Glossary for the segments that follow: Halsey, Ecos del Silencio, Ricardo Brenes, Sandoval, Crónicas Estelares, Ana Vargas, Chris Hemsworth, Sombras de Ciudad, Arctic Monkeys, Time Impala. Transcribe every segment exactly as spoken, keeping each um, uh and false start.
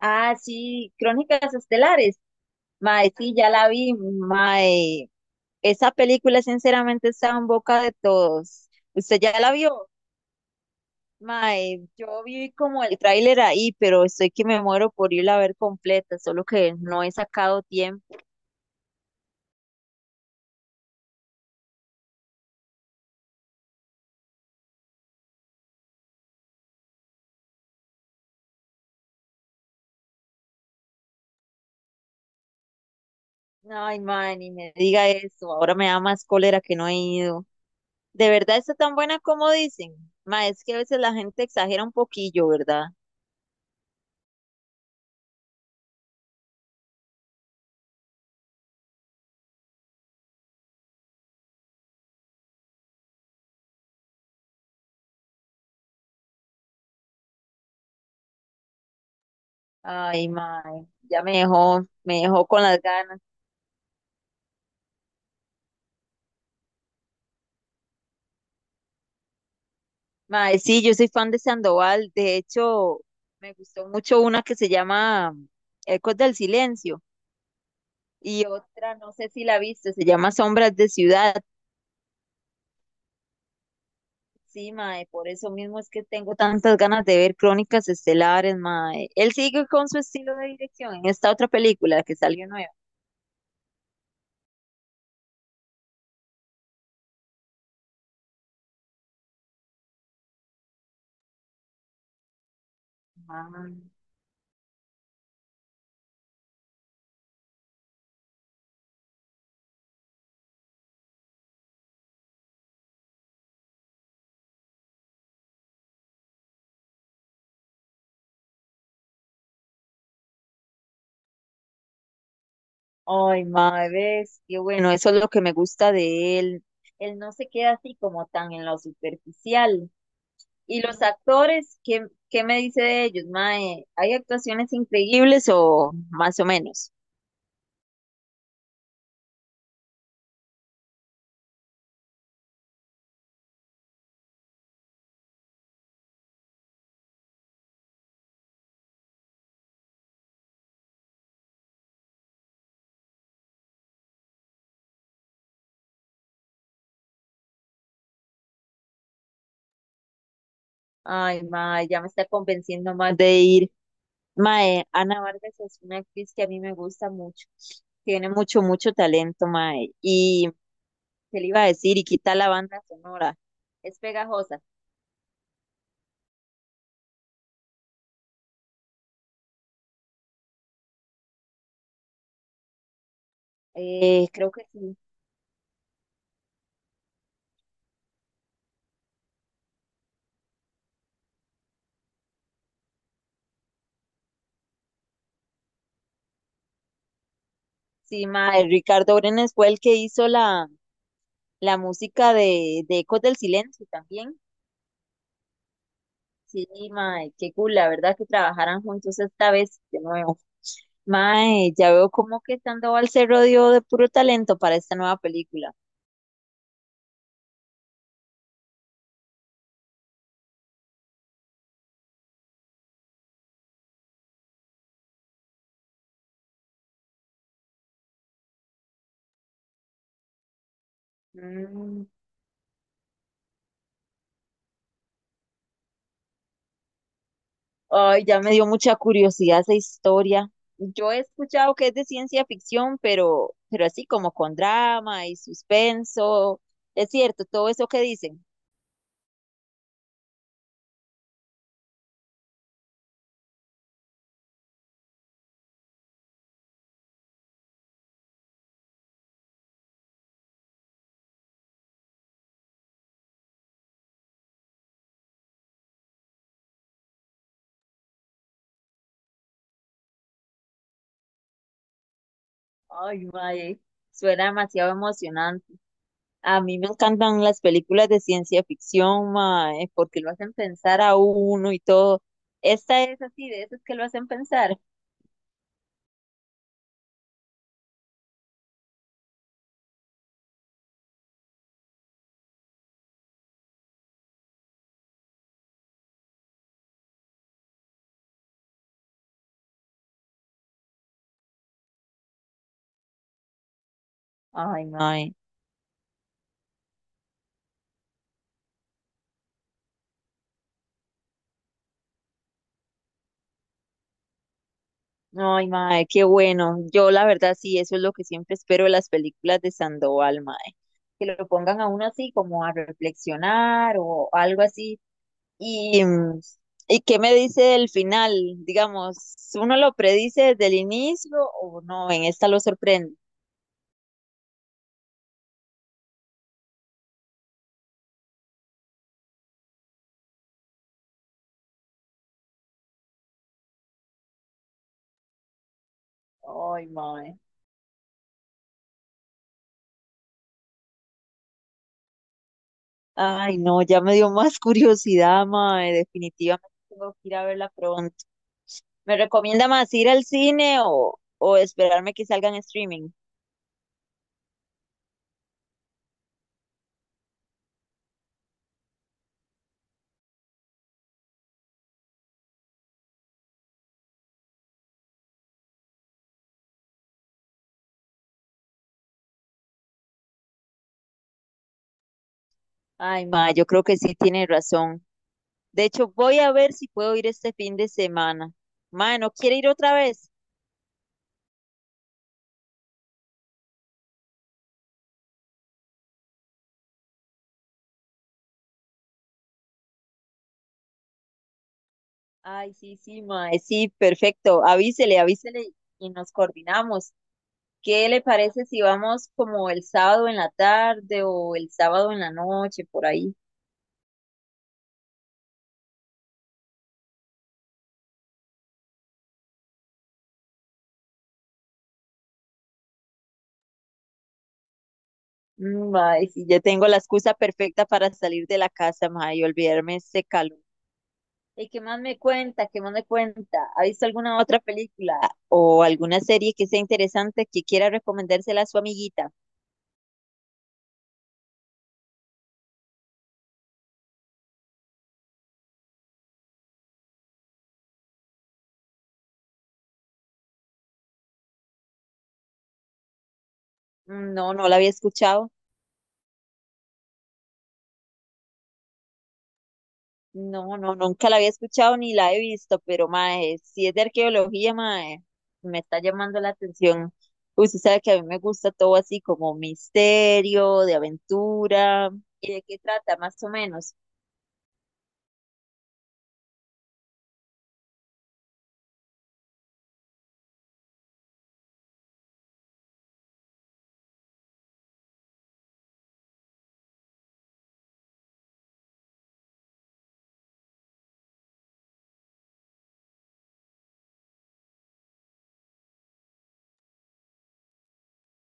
Ah, sí, Crónicas Estelares. Mae, sí, ya la vi. Mae, esa película sinceramente está en boca de todos. ¿Usted ya la vio? Mae, yo vi como el tráiler ahí, pero estoy que me muero por irla a ver completa, solo que no he sacado tiempo. Ay, mae, ni me diga eso. Ahora me da más cólera que no he ido. ¿De verdad está tan buena como dicen? Mae, es que a veces la gente exagera un poquillo, ¿verdad? Ay, mae, ya me dejó, me dejó con las ganas. Mae, sí, yo soy fan de Sandoval. De hecho, me gustó mucho una que se llama Ecos del Silencio y otra, no sé si la viste, se llama Sombras de Ciudad. Sí, mae, por eso mismo es que tengo tantas ganas de ver Crónicas Estelares, mae. Él sigue con su estilo de dirección en esta otra película que salió nueva. Mae. Ay, mae, ves, qué bueno, eso es lo que me gusta de él. Él no se queda así como tan en lo superficial. ¿Y los actores? ¿Qué, qué me dice de ellos, mae? ¿Hay actuaciones increíbles o más o menos? Ay, mae, ya me está convenciendo más de ir. Mae, Ana Vargas es una actriz que a mí me gusta mucho. Tiene mucho, mucho talento, mae. Y, ¿qué le iba a decir? Y quita la banda sonora. Es pegajosa. Eh, creo que sí. Sí, mae. Ricardo Brenes fue el que hizo la, la música de, de Ecos del Silencio también. Sí, mae, qué cool, la verdad que trabajaran juntos esta vez de nuevo. Mae, ya veo como que Sandoval se rodeó de puro talento para esta nueva película. Mm. Ay, ya me dio mucha curiosidad esa historia. Yo he escuchado que es de ciencia ficción, pero, pero así como con drama y suspenso. Es cierto, todo eso que dicen. Ay, mae, suena demasiado emocionante. A mí me encantan las películas de ciencia ficción, mae, porque lo hacen pensar a uno y todo. Esta es así, de esas que lo hacen pensar. Ay, mae. Ay, mae, qué bueno. Yo, la verdad, sí, eso es lo que siempre espero de las películas de Sandoval, mae. Que lo pongan a uno así, como a reflexionar o algo así. Y, mm, ¿y qué me dice del final? Digamos, ¿uno lo predice desde el inicio o no? En esta lo sorprende. Ay, mae. Ay, no, ya me dio más curiosidad, mae. Definitivamente tengo que ir a verla pronto. ¿Me recomienda más ir al cine o, o esperarme que salga en streaming? Ay, mae, yo creo que sí tiene razón. De hecho, voy a ver si puedo ir este fin de semana. Mae, ¿no quiere ir otra vez? Ay, sí, sí, mae, sí, perfecto. Avísele, avísele y nos coordinamos. ¿Qué le parece si vamos como el sábado en la tarde o el sábado en la noche, por ahí? Mm, ay sí, ya tengo la excusa perfecta para salir de la casa, ma y olvidarme de este calor. ¿Y qué más me cuenta? ¿Qué más me cuenta? ¿Ha visto alguna otra película o alguna serie que sea interesante que quiera recomendársela a su amiguita? Mm. No, no la había escuchado. No, no, nunca la había escuchado ni la he visto, pero mae, si es de arqueología, mae, me está llamando la atención. Pues, usted sabe que a mí me gusta todo así como misterio, de aventura. ¿Y de qué trata, más o menos?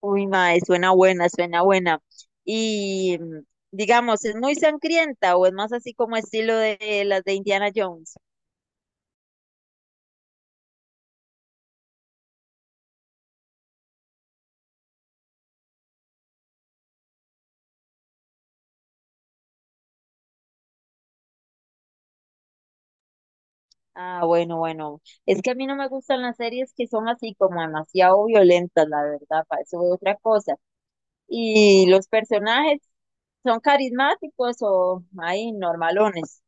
Uy, mae, suena buena, suena buena. Y mm, digamos, ¿es muy sangrienta o es más así como estilo de las de Indiana Jones? Ah, bueno, bueno. Es que a mí no me gustan las series que son así como demasiado violentas, la verdad, para eso es otra cosa. ¿Y los personajes son carismáticos o hay normalones?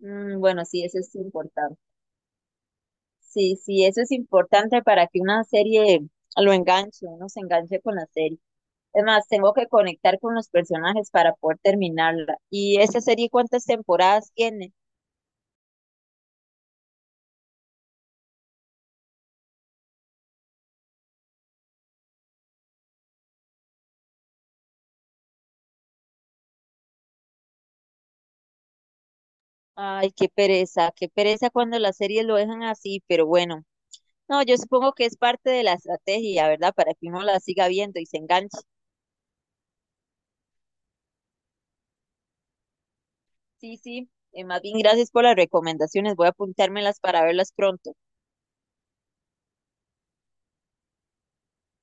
Mm, bueno, sí, eso es importante. Sí, sí, eso es importante para que una serie lo enganche, uno se enganche con la serie. Es más, tengo que conectar con los personajes para poder terminarla. ¿Y esa serie cuántas temporadas tiene? Ay, qué pereza, qué pereza cuando las series lo dejan así, pero bueno. No, yo supongo que es parte de la estrategia, ¿verdad? Para que uno la siga viendo y se enganche. Sí, sí. Eh, más bien, gracias por las recomendaciones. Voy a apuntármelas para verlas pronto.